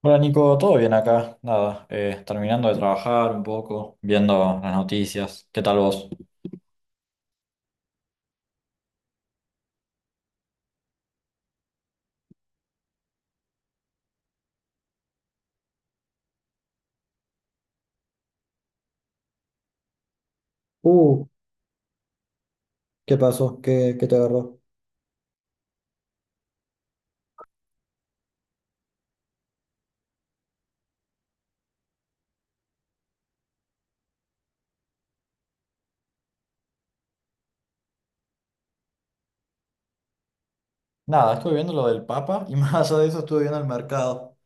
Hola Nico, ¿todo bien acá? Nada, terminando de trabajar un poco, viendo las noticias. ¿Qué tal vos? Uh, ¿Qué pasó? ¿Qué te agarró? Nada, estuve viendo lo del Papa y más allá de eso estuve viendo el mercado.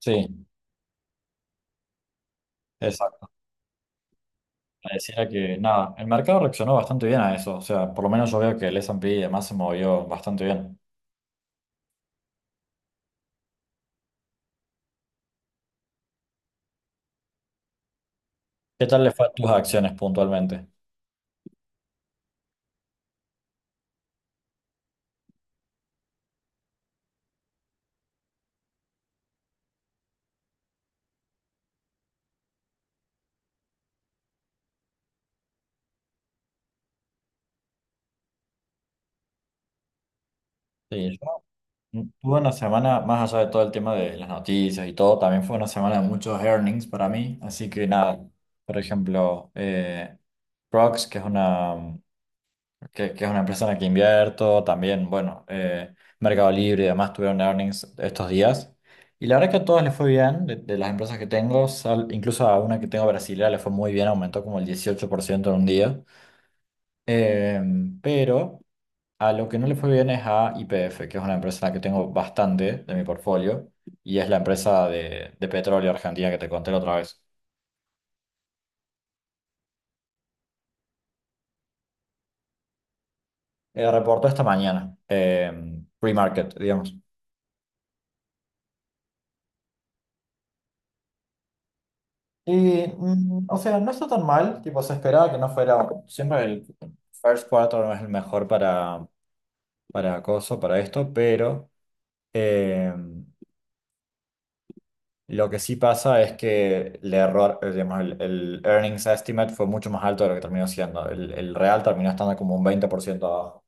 Sí, exacto. Pareciera que, nada, el mercado reaccionó bastante bien a eso. O sea, por lo menos yo veo que el S&P y demás se movió bastante bien. ¿Qué tal le fue a tus acciones puntualmente? Sí, tuve una semana, más allá de todo el tema de las noticias y todo, también fue una semana de muchos earnings para mí. Así que nada, por ejemplo, Prox, que es una empresa en la que invierto, también, bueno, Mercado Libre y demás tuvieron earnings estos días. Y la verdad que a todas les fue bien, de las empresas que tengo, incluso a una que tengo brasileña le fue muy bien, aumentó como el 18% en un día. Pero a lo que no le fue bien es a YPF, que es una empresa en la que tengo bastante de mi portfolio y es la empresa de petróleo argentina que te conté la otra vez. Reportó esta mañana, pre-market, digamos. Y o sea, no está tan mal, tipo, se esperaba que no fuera. Siempre el first quarter no es el mejor para acoso, para esto, pero. eh, Lo que sí pasa es que el error, digamos, el earnings estimate fue mucho más alto de lo que terminó siendo. El real terminó estando como un 20% abajo.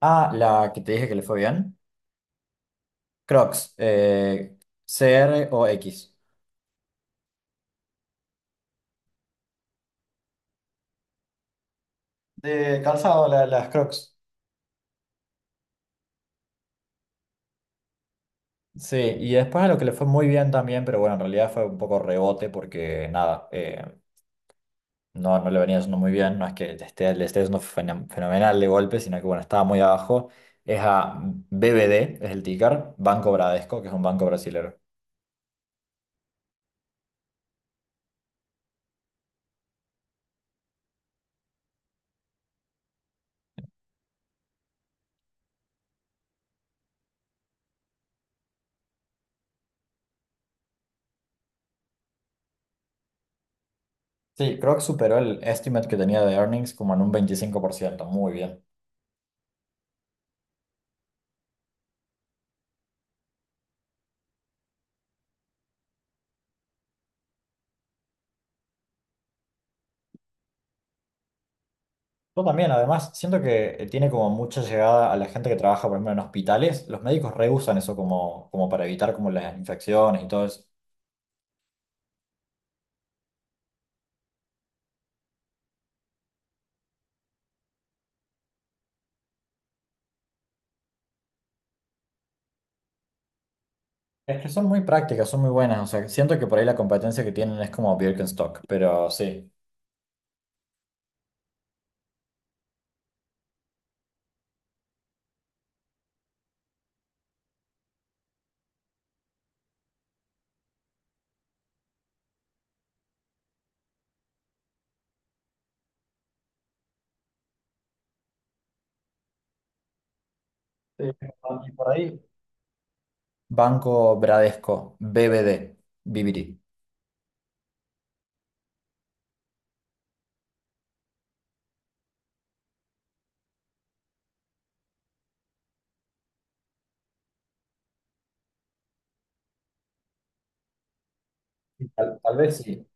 Ah, la que te dije que le fue bien. Crocs, CROX. De calzado, las Crocs. Sí, y después a lo que le fue muy bien también, pero bueno, en realidad fue un poco rebote porque nada, No, no le venía haciendo muy bien, no es que le esté haciendo fenomenal fenomenal de golpe, sino que bueno, estaba muy abajo. Es a BBD, es el ticker, Banco Bradesco, que es un banco brasilero. Sí, creo que superó el estimate que tenía de earnings como en un 25% muy bien. Yo también, además, siento que tiene como mucha llegada a la gente que trabaja, por ejemplo, en hospitales. Los médicos reusan eso como, como para evitar como las infecciones y todo eso. Es que son muy prácticas, son muy buenas, o sea, siento que por ahí la competencia que tienen es como Birkenstock, pero sí. Sí, y por ahí, Banco Bradesco, BBD, BBD. Tal, tal vez sí.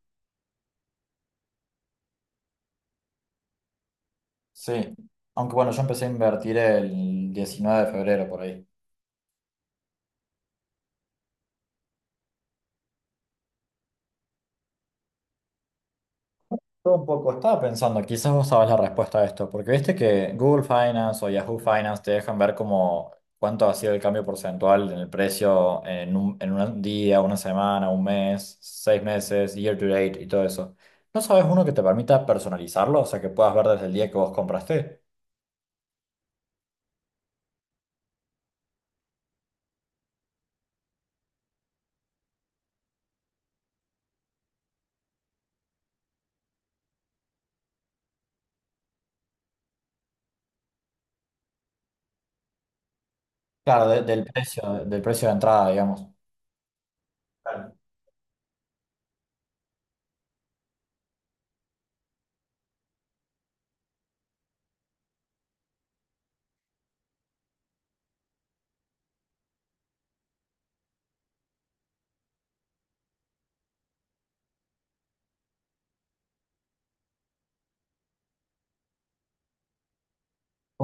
Sí. Aunque bueno, yo empecé a invertir el 19 de febrero por ahí. Todo un poco. Estaba pensando, quizás vos sabés la respuesta a esto, porque viste que Google Finance o Yahoo Finance te dejan ver como cuánto ha sido el cambio porcentual en el precio en un, día, una semana, un mes, 6 meses, year to date y todo eso. ¿No sabes uno que te permita personalizarlo? O sea, que puedas ver desde el día que vos compraste. Claro, del precio de entrada, digamos. Claro.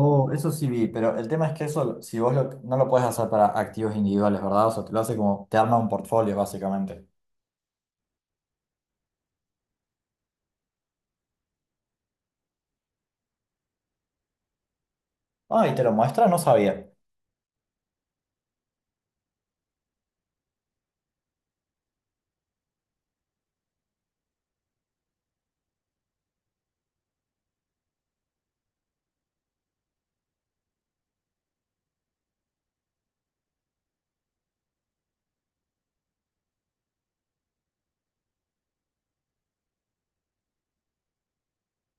Oh, eso sí vi, pero el tema es que eso, si vos no lo puedes hacer para activos individuales, ¿verdad? O sea, te lo hace como, te arma un portfolio, básicamente. Ah, y te lo muestra, no sabía.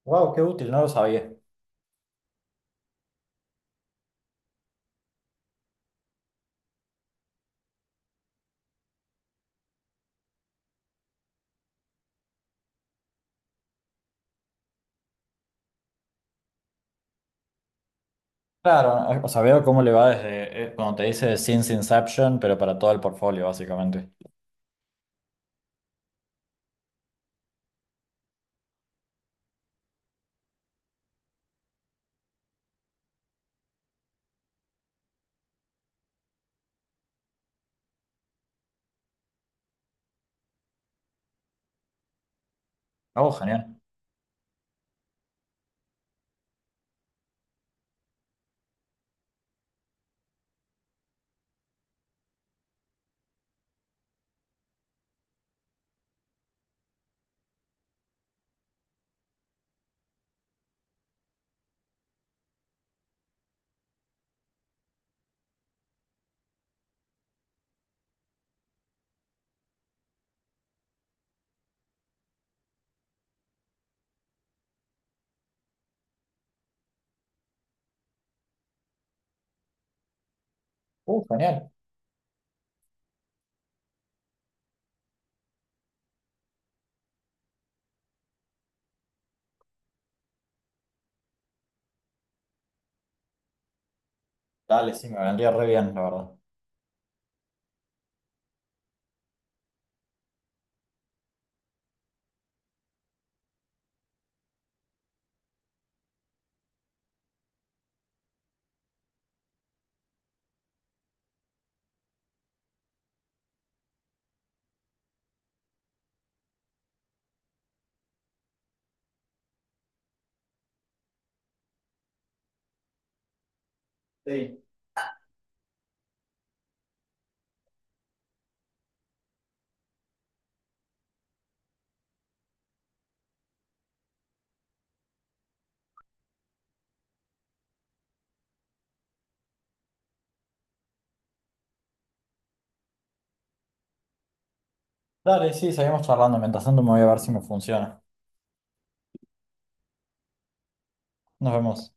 Wow, qué útil, no lo sabía. Claro, o sea, veo cómo le va desde, cuando te dice Since Inception, pero para todo el portfolio, básicamente. Oh, genial. Genial. Dale, sí, me vendría re bien, la verdad. Sí. Dale, sí, seguimos charlando. Mientras tanto me voy a ver si me funciona. Nos vemos.